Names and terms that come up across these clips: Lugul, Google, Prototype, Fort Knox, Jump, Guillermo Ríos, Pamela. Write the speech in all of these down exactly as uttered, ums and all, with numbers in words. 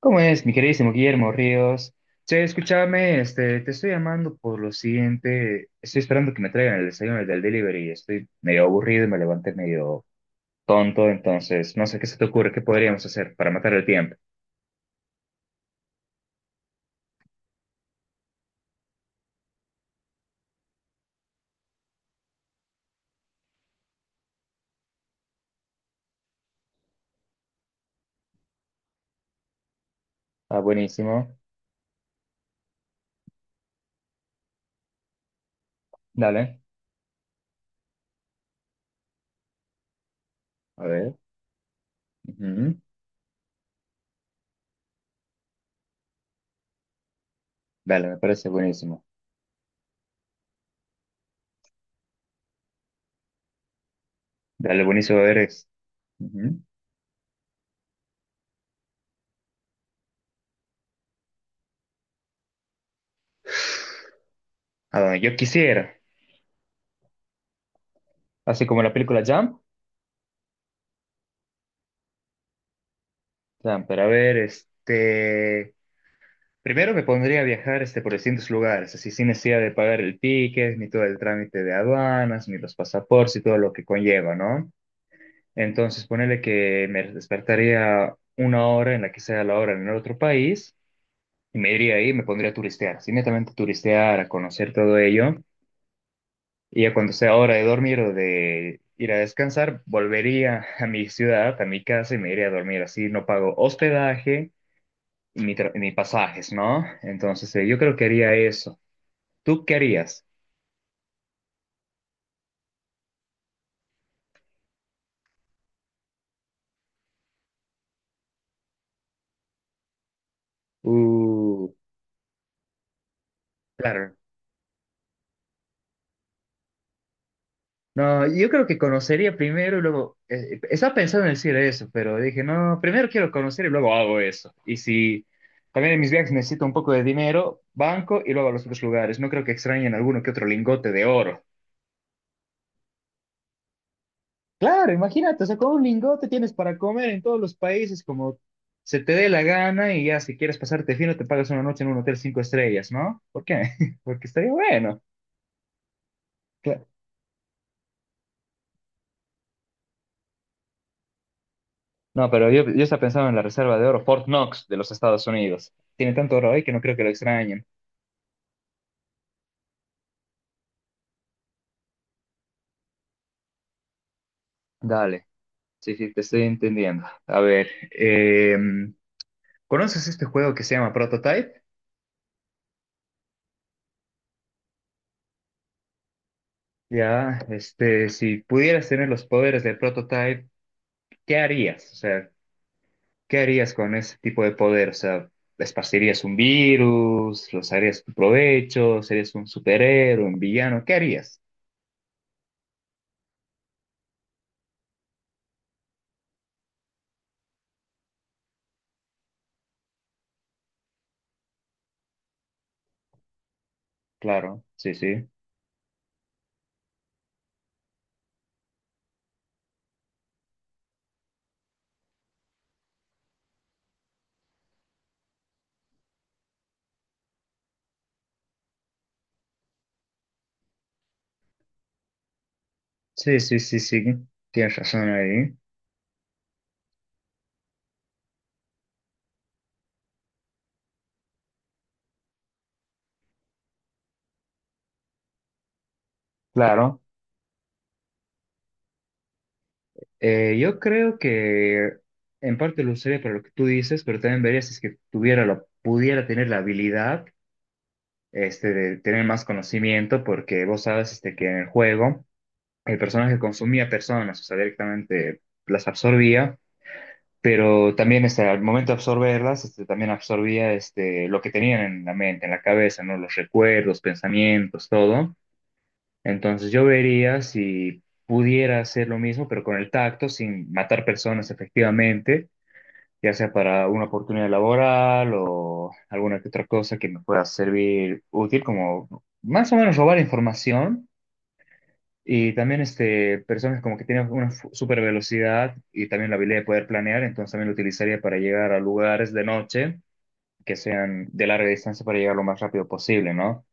¿Cómo es, mi queridísimo Guillermo Ríos? Che, escúchame, este, te estoy llamando por lo siguiente. Estoy esperando que me traigan el desayuno del delivery. Estoy medio aburrido y me levanté medio tonto, entonces no sé qué se te ocurre, qué podríamos hacer para matar el tiempo. Ah, buenísimo. Dale, a ver. Ujú. Dale, me parece buenísimo. Dale, buenísimo, a ver. Es- ujú. A donde yo quisiera. Así como la película Jump. Jump, pero a ver, este. Primero me pondría a viajar este, por distintos lugares, así sin necesidad de pagar el ticket, ni todo el trámite de aduanas, ni los pasaportes y todo lo que conlleva, ¿no? Entonces, ponele que me despertaría una hora en la que sea la hora en el otro país y me iría ahí y me pondría a turistear, así netamente a turistear, a conocer todo ello. Y ya cuando sea hora de dormir o de ir a descansar, volvería a mi ciudad, a mi casa y me iría a dormir. Así no pago hospedaje ni, tra- ni pasajes, ¿no? Entonces, eh, yo creo que haría eso. ¿Tú qué harías? Uh, claro. No, yo creo que conocería primero y luego. eh, estaba pensando en decir eso, pero dije, no, primero quiero conocer y luego hago eso. Y si también en mis viajes necesito un poco de dinero, banco y luego a los otros lugares. No creo que extrañen alguno que otro lingote de oro. Claro, imagínate, o sea, con un lingote tienes para comer en todos los países como se te dé la gana y ya si quieres pasarte fino te pagas una noche en un hotel cinco estrellas, ¿no? ¿Por qué? Porque estaría bueno. No, pero yo, yo estaba pensando en la reserva de oro, Fort Knox de los Estados Unidos. Tiene tanto oro ahí que no creo que lo extrañen. Dale, sí, sí, te estoy entendiendo. A ver, em, ¿conoces este juego que se llama Prototype? Ya, este, si pudieras tener los poderes de Prototype, ¿qué harías? O sea, ¿qué harías con ese tipo de poder? O sea, ¿esparcirías un virus? ¿Los harías tu provecho? ¿Serías un superhéroe, un villano? ¿Qué harías? Claro, sí, sí. Sí, sí, sí, sí, tienes razón ahí. Claro, eh, yo creo que en parte lo usaría para lo que tú dices, pero también vería si es que tuviera la, pudiera tener la habilidad este, de tener más conocimiento, porque vos sabes este, que en el juego el personaje consumía personas, o sea, directamente las absorbía, pero también este, al momento de absorberlas, este, también absorbía este, lo que tenían en la mente, en la cabeza, ¿no? Los recuerdos, pensamientos, todo. Entonces yo vería si pudiera hacer lo mismo, pero con el tacto, sin matar personas efectivamente, ya sea para una oportunidad laboral o alguna que otra cosa que me pueda servir útil, como más o menos robar información. Y también este, personas como que tienen una fu- super velocidad y también la habilidad de poder planear, entonces también lo utilizaría para llegar a lugares de noche que sean de larga distancia para llegar lo más rápido posible, ¿no?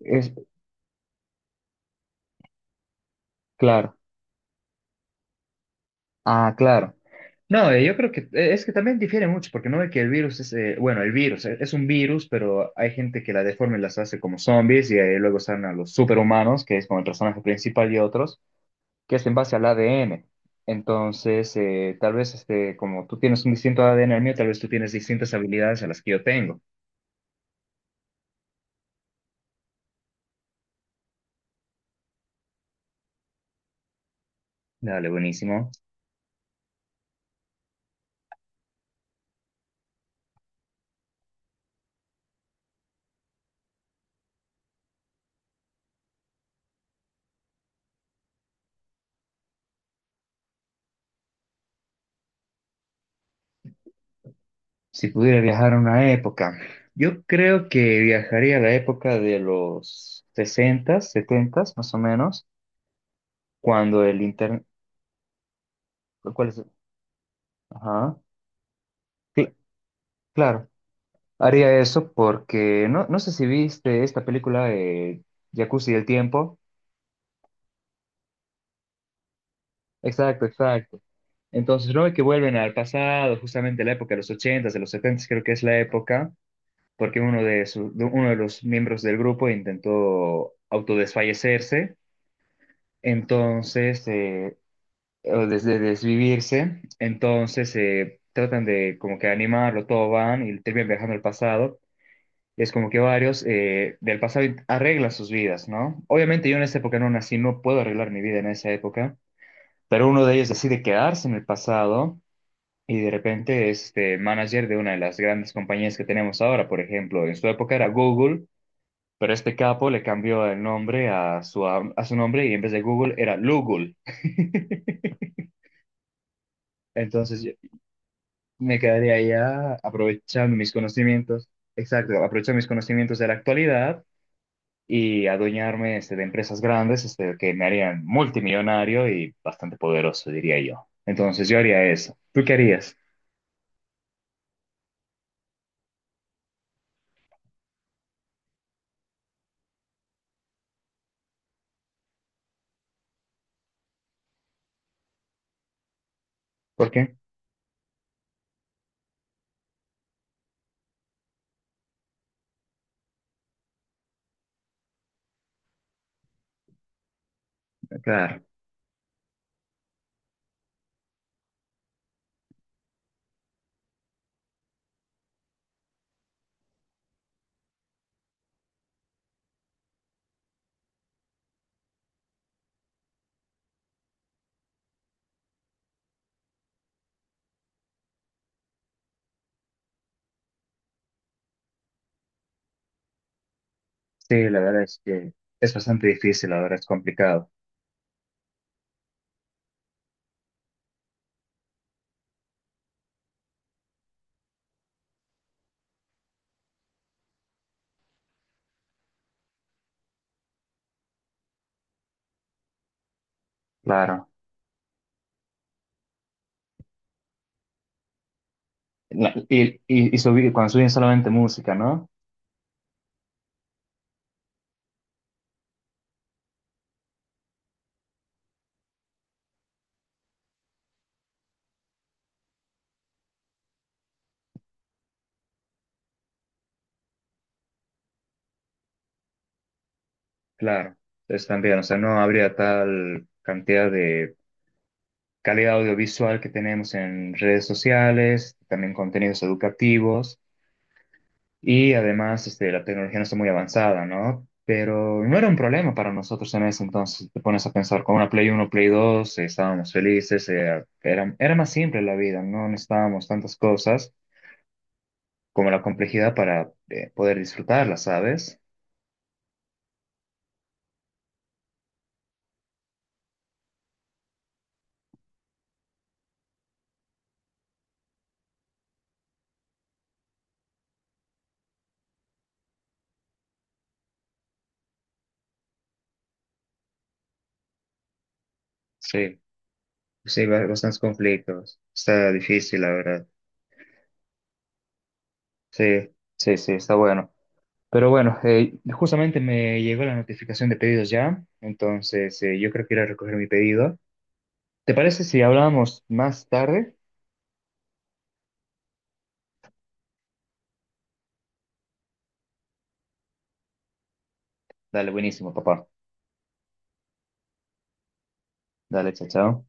Es claro. Ah, claro. No, eh, yo creo que eh, es que también difiere mucho, porque no ve que el virus es, eh, bueno, el virus eh, es un virus, pero hay gente que la deforma y las hace como zombies y eh, luego salen a los superhumanos, que es como el personaje principal y otros, que es en base al A D N. Entonces, eh, tal vez este, como tú tienes un distinto A D N al mío, tal vez tú tienes distintas habilidades a las que yo tengo. Dale, buenísimo. Si pudiera viajar a una época, yo creo que viajaría a la época de los sesenta, setenta, más o menos cuando el internet, ¿cuál es? Ajá, sí, claro, haría eso porque no, no sé si viste esta película de Jacuzzi del tiempo. Exacto, exacto. Entonces, no ve que vuelven al pasado, justamente la época de los ochentas de los setentas creo que es la época, porque uno de, su- de uno de los miembros del grupo intentó autodesfallecerse, entonces, eh, o desde desvivirse, entonces eh, tratan de como que animarlo, todo van y terminan viajando al pasado es como que varios eh, del pasado arreglan sus vidas, ¿no? Obviamente yo en esa época no nací, no puedo arreglar mi vida en esa época, pero uno de ellos decide quedarse en el pasado y de repente es este, manager de una de las grandes compañías que tenemos ahora, por ejemplo, en su época era Google, pero este capo le cambió el nombre a su, a su nombre y en vez de Google era Lugul. Entonces yo me quedaría allá aprovechando mis conocimientos, exacto, aprovechando mis conocimientos de la actualidad y adueñarme este, de empresas grandes este, que me harían multimillonario y bastante poderoso, diría yo. Entonces yo haría eso. ¿Tú qué harías? ¿Por qué? Claro, sí, la verdad es que es bastante difícil, la verdad es complicado. Claro. La- y y, y subir, cuando suben solamente música, ¿no? Claro, entonces también, o sea, no habría tal cantidad de calidad audiovisual que tenemos en redes sociales, también contenidos educativos. Y además, este, la tecnología no está muy avanzada, ¿no? Pero no era un problema para nosotros en ese entonces. Te pones a pensar, con una Play uno Play dos eh, estábamos felices, eh, era, era más simple la vida, no necesitábamos tantas cosas como la complejidad para eh, poder disfrutarla, ¿sabes? Sí, sí, ba- bastantes conflictos. Está difícil, la verdad. Sí, sí, sí, está bueno. Pero bueno, eh, justamente me llegó la notificación de pedidos ya, entonces eh, yo creo que iré a recoger mi pedido. ¿Te parece si hablamos más tarde? Dale, buenísimo, papá. Dale, chao, chao.